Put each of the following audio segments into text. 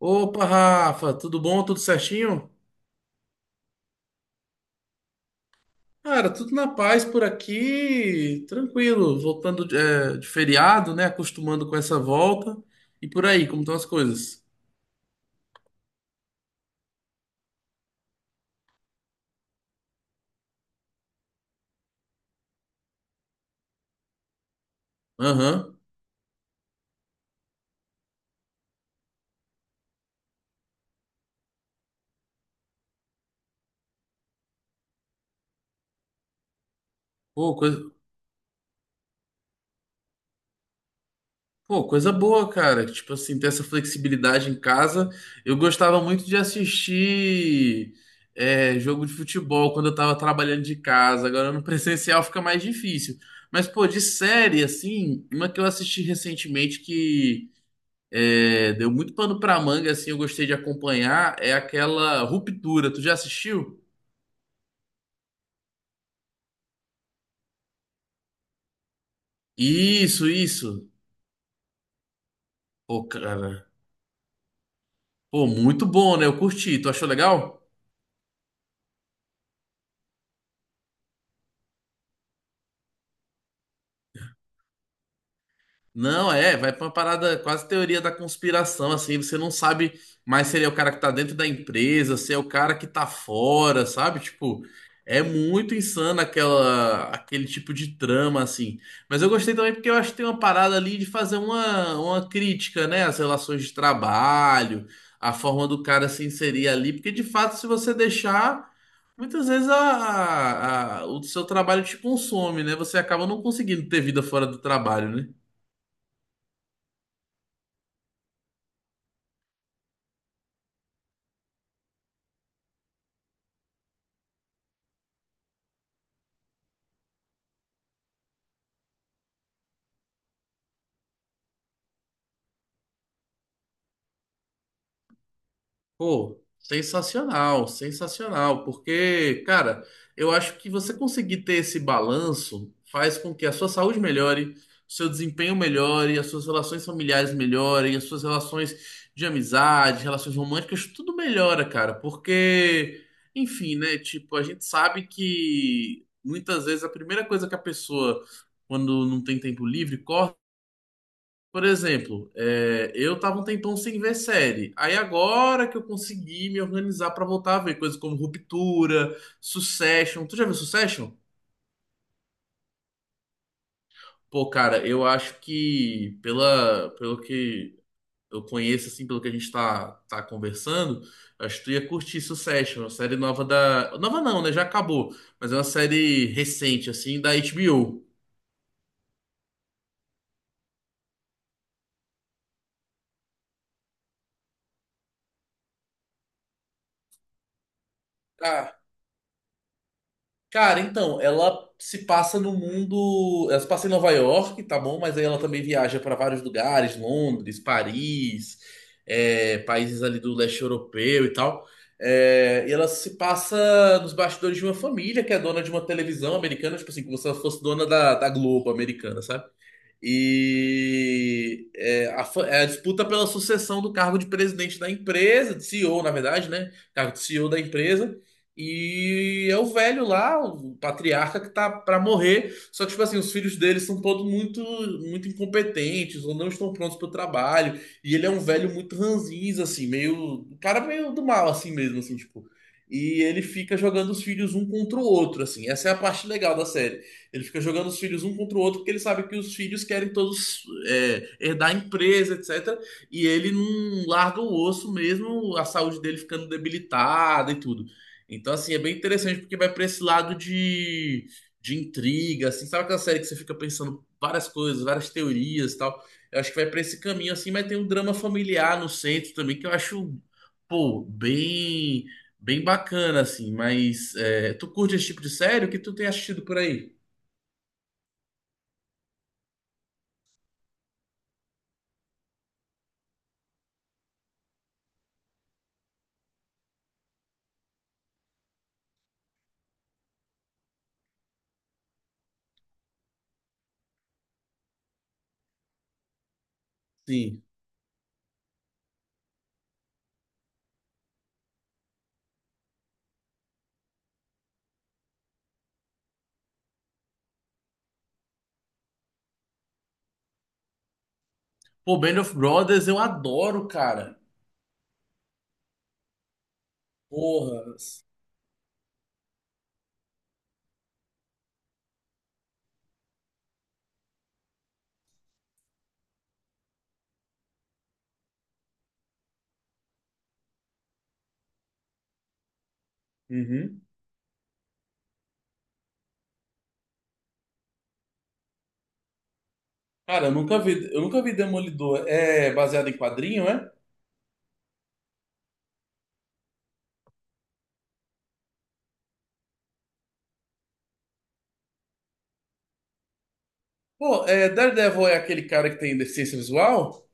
Opa, Rafa, tudo bom? Tudo certinho? Cara, tudo na paz por aqui, tranquilo, voltando de, de feriado, né? Acostumando com essa volta. E por aí, como estão as coisas? Aham. Pô, coisa, pô, coisa boa, cara. Tipo assim, ter essa flexibilidade em casa. Eu gostava muito de assistir jogo de futebol quando eu tava trabalhando de casa. Agora no presencial fica mais difícil. Mas, pô, de série, assim, uma que eu assisti recentemente que deu muito pano pra manga, assim, eu gostei de acompanhar, é aquela Ruptura. Tu já assistiu? Isso, isso. Pô, cara. Pô, muito bom, né? Eu curti. Tu achou legal? Não, é, vai pra uma parada quase teoria da conspiração, assim, você não sabe mais se ele é o cara que tá dentro da empresa, se é o cara que tá fora, sabe? Tipo, é muito insano aquele tipo de trama, assim. Mas eu gostei também porque eu acho que tem uma parada ali de fazer uma crítica, né, às relações de trabalho, a forma do cara se inserir ali, porque de fato, se você deixar, muitas vezes o seu trabalho te consome, né? Você acaba não conseguindo ter vida fora do trabalho, né? Pô, sensacional, sensacional, porque, cara, eu acho que você conseguir ter esse balanço faz com que a sua saúde melhore, o seu desempenho melhore, as suas relações familiares melhorem, as suas relações de amizade, relações românticas, tudo melhora, cara, porque, enfim, né, tipo, a gente sabe que muitas vezes a primeira coisa que a pessoa, quando não tem tempo livre, por exemplo, eu tava um tempão sem ver série. Aí agora que eu consegui me organizar pra voltar a ver coisas como Ruptura, Succession. Tu já viu Succession? Pô, cara, eu acho pelo que eu conheço, assim, pelo que a gente tá conversando, eu acho que tu ia curtir Succession, uma série nova da. Nova não, né? Já acabou. Mas é uma série recente, assim, da HBO. Cara, então, ela se passa no mundo. Ela se passa em Nova York, tá bom? Mas aí ela também viaja para vários lugares, Londres, Paris, é, países ali do leste europeu e tal. É, e ela se passa nos bastidores de uma família que é dona de uma televisão americana, tipo assim, como se ela fosse dona da Globo americana, sabe? E é, é a disputa pela sucessão do cargo de presidente da empresa, de CEO, na verdade, né? Cargo de CEO da empresa. E é o velho lá, o patriarca, que tá pra morrer. Só que, tipo assim, os filhos dele são todos muito incompetentes ou não estão prontos pro trabalho. E ele é um velho muito ranzinza, assim, meio. Um cara meio do mal, assim mesmo, assim, tipo. E ele fica jogando os filhos um contra o outro, assim. Essa é a parte legal da série. Ele fica jogando os filhos um contra o outro porque ele sabe que os filhos querem todos herdar a empresa, etc. E ele não larga o osso mesmo, a saúde dele ficando debilitada e tudo. Então, assim, é bem interessante porque vai para esse lado de intriga, assim, sabe aquela série que você fica pensando várias coisas, várias teorias e tal? Eu acho que vai para esse caminho, assim, mas tem um drama familiar no centro também que eu acho, pô, bem bacana, assim. Mas é, tu curte esse tipo de série? O que tu tem assistido por aí? Sim. Pô, Band of Brothers eu adoro, cara. Porra. Uhum. Cara, eu nunca vi Demolidor. É baseado em quadrinho, é? Pô, é, Daredevil é aquele cara que tem deficiência visual?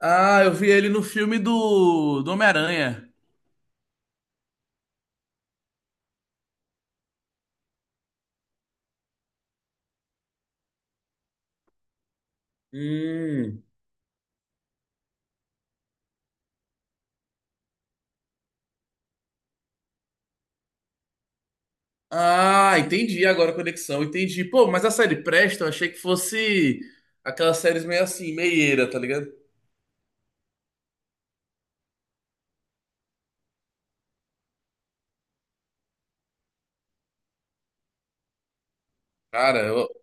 Ah, eu vi ele no filme do Homem-Aranha. Hum. Ah, entendi agora a conexão, entendi. Pô, mas a série presta, eu achei que fosse aquelas séries meio assim, meieira, tá ligado? Cara, eu...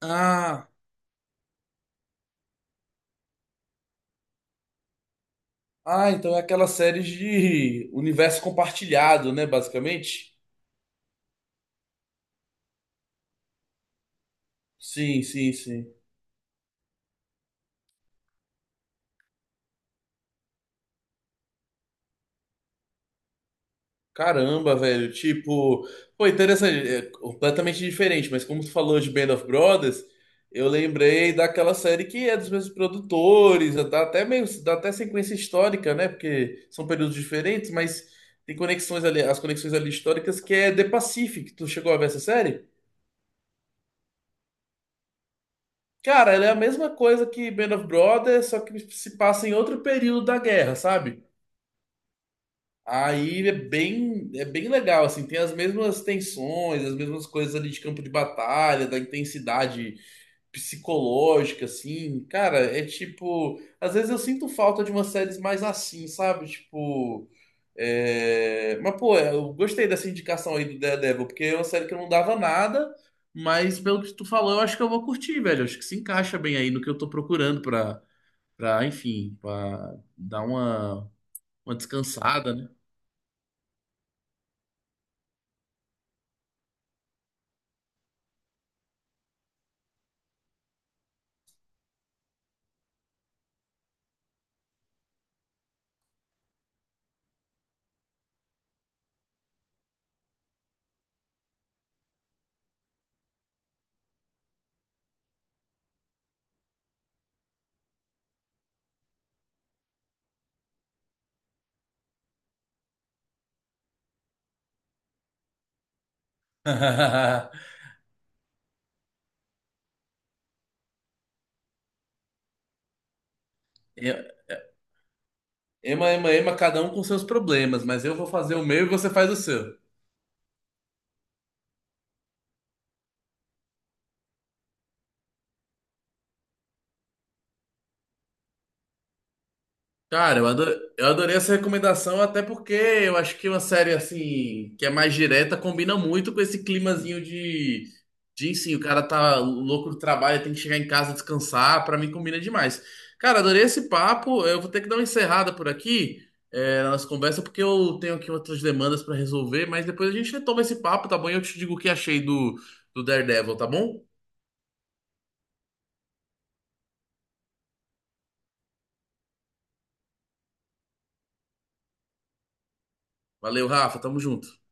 Ah. Ah, então é aquela série de universo compartilhado, né, basicamente? Sim, sim, sim. Caramba, velho, tipo, pô, interessante, é completamente diferente, mas como tu falou de Band of Brothers, eu lembrei daquela série que é dos mesmos produtores, dá até meio, dá até sequência histórica, né? Porque são períodos diferentes, mas tem conexões ali, as conexões ali históricas que é The Pacific. Tu chegou a ver essa série? Cara, ele é a mesma coisa que Band of Brothers, só que se passa em outro período da guerra, sabe? Aí é bem legal, assim, tem as mesmas tensões, as mesmas coisas ali de campo de batalha, da intensidade psicológica, assim, cara, é tipo. Às vezes eu sinto falta de umas séries mais assim, sabe? Tipo. Mas, pô, eu gostei dessa indicação aí do Daredevil, porque é uma série que eu não dava nada, mas pelo que tu falou, eu acho que eu vou curtir, velho. Eu acho que se encaixa bem aí no que eu tô procurando pra, pra enfim, pra dar uma descansada, né? Ema, ema, ema, cada um com seus problemas, mas eu vou fazer o meu e você faz o seu. Cara, eu adorei essa recomendação, até porque eu acho que uma série assim, que é mais direta, combina muito com esse climazinho de sim, o cara tá louco do trabalho, tem que chegar em casa descansar, pra mim combina demais. Cara, adorei esse papo, eu vou ter que dar uma encerrada por aqui, é, na nossa conversa, porque eu tenho aqui outras demandas pra resolver, mas depois a gente retoma esse papo, tá bom? E eu te digo o que achei do Daredevil, tá bom? Valeu, Rafa, tamo junto.